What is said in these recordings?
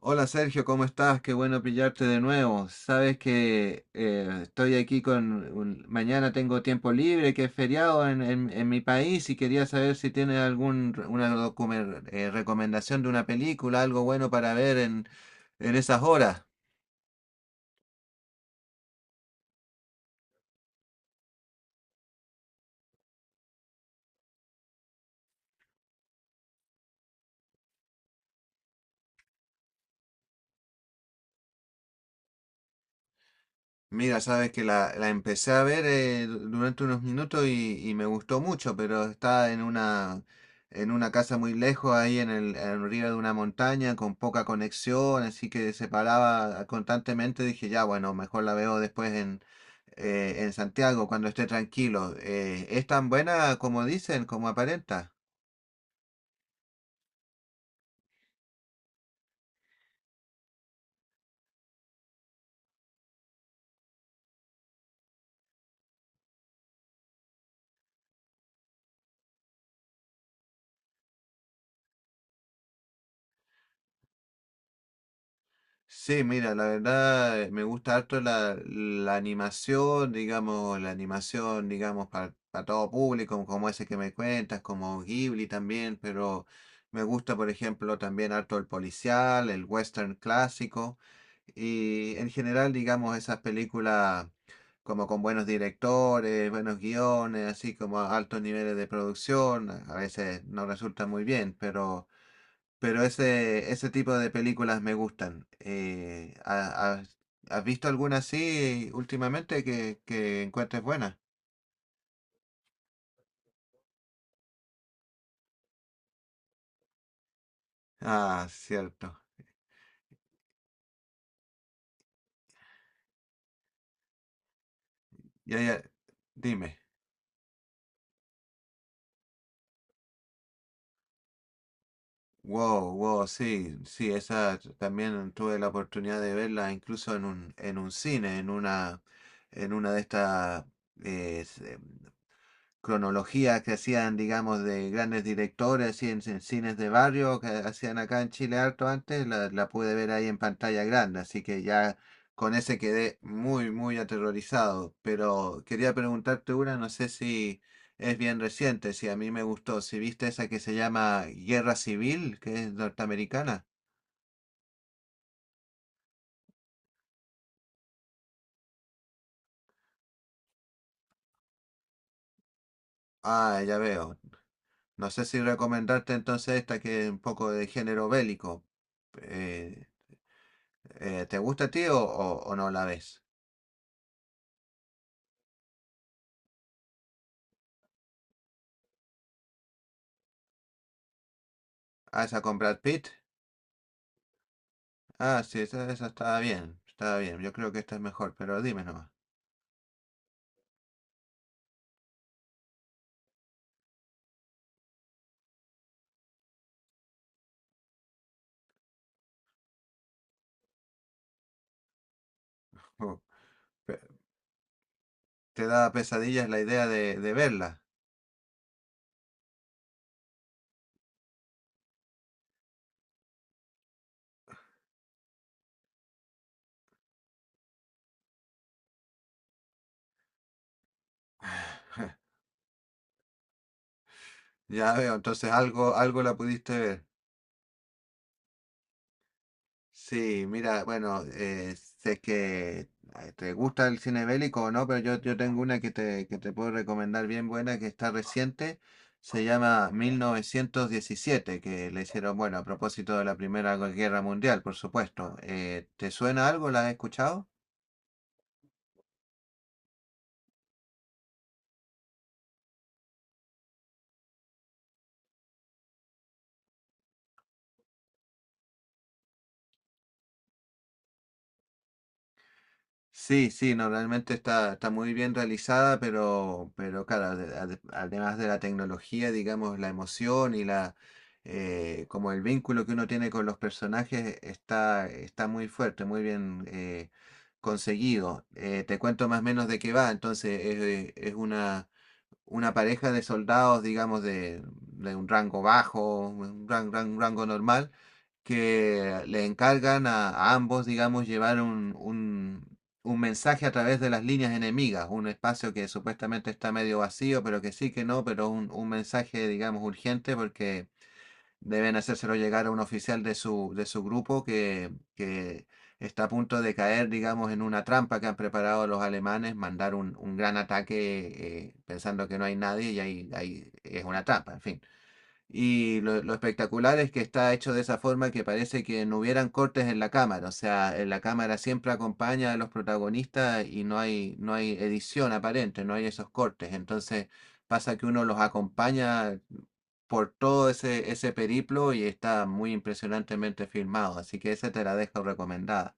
Hola Sergio, ¿cómo estás? Qué bueno pillarte de nuevo. Sabes que estoy aquí con... mañana tengo tiempo libre, que es feriado en, en mi país y quería saber si tienes algún, una recomendación de una película, algo bueno para ver en esas horas. Mira, sabes que la empecé a ver durante unos minutos y me gustó mucho, pero está en una casa muy lejos, ahí en el, en río de una montaña, con poca conexión, así que se paraba constantemente. Dije, ya, bueno, mejor la veo después en Santiago, cuando esté tranquilo. ¿Es tan buena como dicen, como aparenta? Sí, mira, la verdad me gusta harto la animación, digamos, para, todo público, como ese que me cuentas, como Ghibli también, pero me gusta, por ejemplo, también harto el policial, el western clásico, y en general, digamos, esas películas como con buenos directores, buenos guiones, así como a altos niveles de producción, a veces no resulta muy bien, pero... Pero ese tipo de películas me gustan. ¿ Has, has visto alguna así últimamente que encuentres buena? Ah, cierto. Ya, ya, dime. Wow, wow, sí, sí, esa también tuve la oportunidad de verla incluso en un cine, en una de estas cronologías que hacían, digamos, de grandes directores, y en cines de barrio que hacían acá en Chile harto antes, la pude ver ahí en pantalla grande, así que ya con ese quedé muy, muy aterrorizado. Pero quería preguntarte una, no sé si es bien reciente, si a mí me gustó, si viste esa que se llama Guerra Civil, que es norteamericana. Ah, ya veo. No sé si recomendarte entonces esta que es un poco de género bélico. Eh, ¿Te gusta a ti o no la ves? Ah, esa con Brad Pitt. Ah, sí, esa estaba bien. Estaba bien. Yo creo que esta es mejor, pero dime nomás. Oh, pe- ¿te da pesadillas la idea de verla? Ya veo, entonces algo, algo la pudiste ver. Sí, mira, bueno, sé que te gusta el cine bélico o no, pero yo tengo una que te puedo recomendar bien buena, que está reciente, se llama 1917, que le hicieron, bueno, a propósito de la Primera Guerra Mundial, por supuesto. ¿Te suena algo? ¿La has escuchado? Sí, sí, no, realmente está, está muy bien realizada, pero claro, además de la tecnología, digamos, la emoción y la como el vínculo que uno tiene con los personajes está, está muy fuerte, muy bien conseguido. Te cuento más o menos de qué va. Entonces, es una pareja de soldados, digamos, de un rango bajo, un rango normal, que le encargan a ambos, digamos, llevar un mensaje a través de las líneas enemigas, un espacio que supuestamente está medio vacío, pero que sí, que no, pero un mensaje, digamos, urgente porque deben hacérselo llegar a un oficial de su grupo que está a punto de caer, digamos, en una trampa que han preparado los alemanes, mandar un gran ataque pensando que no hay nadie y ahí, ahí es una trampa, en fin. Y lo espectacular es que está hecho de esa forma que parece que no hubieran cortes en la cámara. O sea, en la cámara siempre acompaña a los protagonistas y no hay, no hay edición aparente, no hay esos cortes. Entonces pasa que uno los acompaña por todo ese, ese periplo y está muy impresionantemente filmado. Así que esa te la dejo recomendada.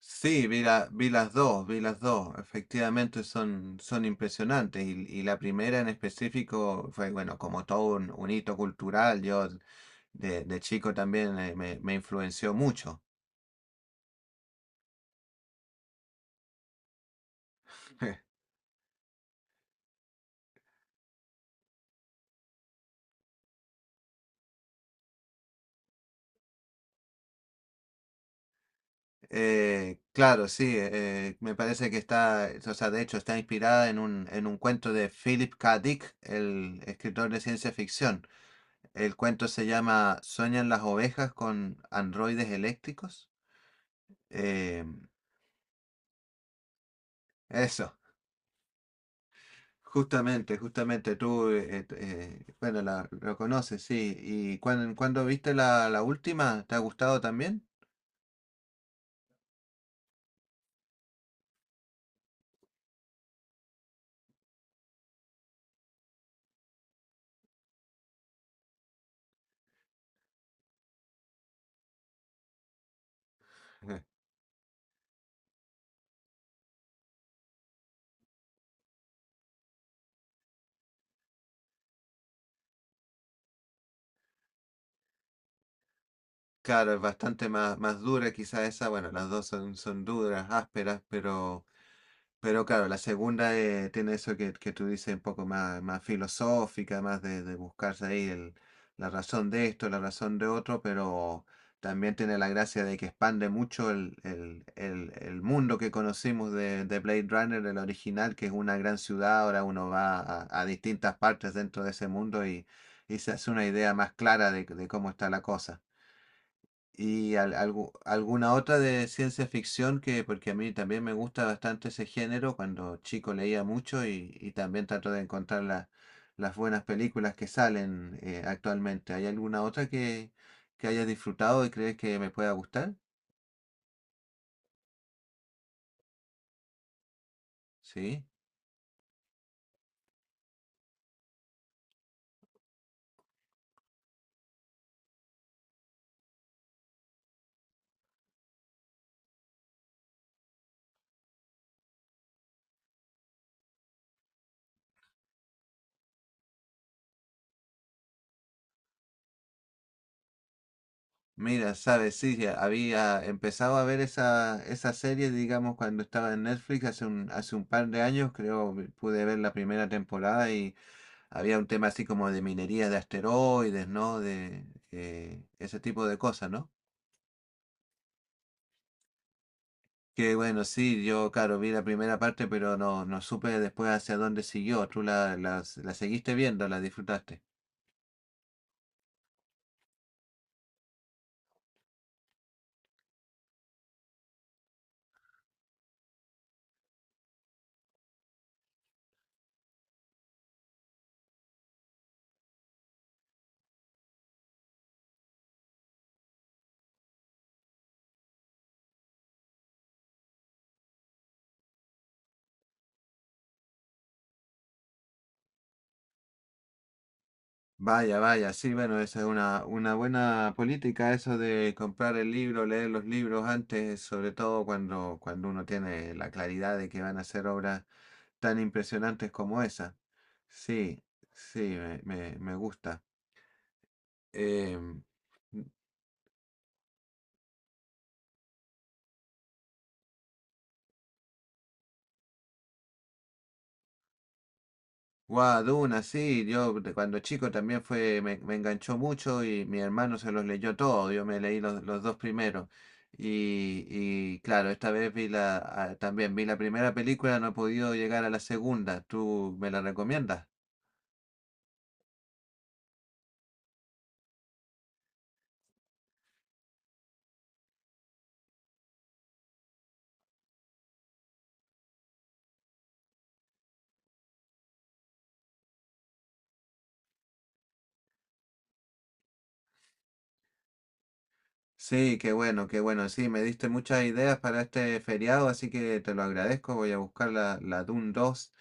Sí, vi la, vi las dos, vi las dos. Efectivamente son, son impresionantes. Y la primera en específico fue, bueno, como todo un hito cultural, yo de chico también me, me influenció mucho. Claro, sí, me parece que está, o sea, de hecho está inspirada en un cuento de Philip K. Dick, el escritor de ciencia ficción. El cuento se llama ¿Sueñan las ovejas con androides eléctricos? Eh, eso. Justamente, justamente tú, bueno, la, lo conoces, sí. ¿Y cuándo, cuándo viste la, la última? ¿Te ha gustado también? Ujú. Claro, es bastante más, más dura quizá esa. Bueno, las dos son, son duras, ásperas, pero claro, la segunda tiene eso que tú dices un poco más, más filosófica, más de buscarse ahí la razón de esto, la razón de otro, pero también tiene la gracia de que expande mucho el, el mundo que conocimos de Blade Runner, el original, que es una gran ciudad, ahora uno va a distintas partes dentro de ese mundo y se hace una idea más clara de cómo está la cosa. Y alguna otra de ciencia ficción que, porque a mí también me gusta bastante ese género, cuando chico leía mucho y también trato de encontrar las buenas películas que salen actualmente. ¿Hay alguna otra que hayas disfrutado y crees que me pueda gustar? Sí. Mira, sabes, sí, ya había empezado a ver esa, esa serie, digamos, cuando estaba en Netflix hace un par de años, creo, pude ver la primera temporada. Había un tema así como de minería de asteroides, ¿no? De ese tipo de cosas, ¿no? Que bueno, sí, yo, claro, vi la primera parte, pero no, no supe después hacia dónde siguió. ¿Tú la, la, la seguiste viendo, la disfrutaste? Vaya, vaya, sí, bueno, esa es una buena política, eso de comprar el libro, leer los libros antes, sobre todo cuando, cuando uno tiene la claridad de que van a ser obras tan impresionantes como esa. Sí, sí, me gusta. Em, Guau, Duna, sí, yo de cuando chico también fue, me enganchó mucho y mi hermano se los leyó todos, yo me leí los dos primeros. Y claro, esta vez vi la, ah, también vi la primera película, no he podido llegar a la segunda, ¿tú me la recomiendas? Sí, qué bueno, qué bueno. Sí, me diste muchas ideas para este feriado, así que te lo agradezco. Voy a buscar la, la Dune 2,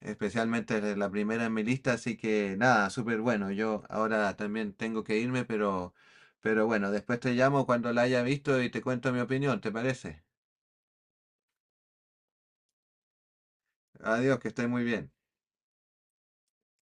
especialmente la la primera en mi lista, así que nada, súper bueno. Yo ahora también tengo que irme, pero bueno, después te llamo cuando la haya visto y te cuento mi opinión, ¿te parece? Adiós, que estés muy bien.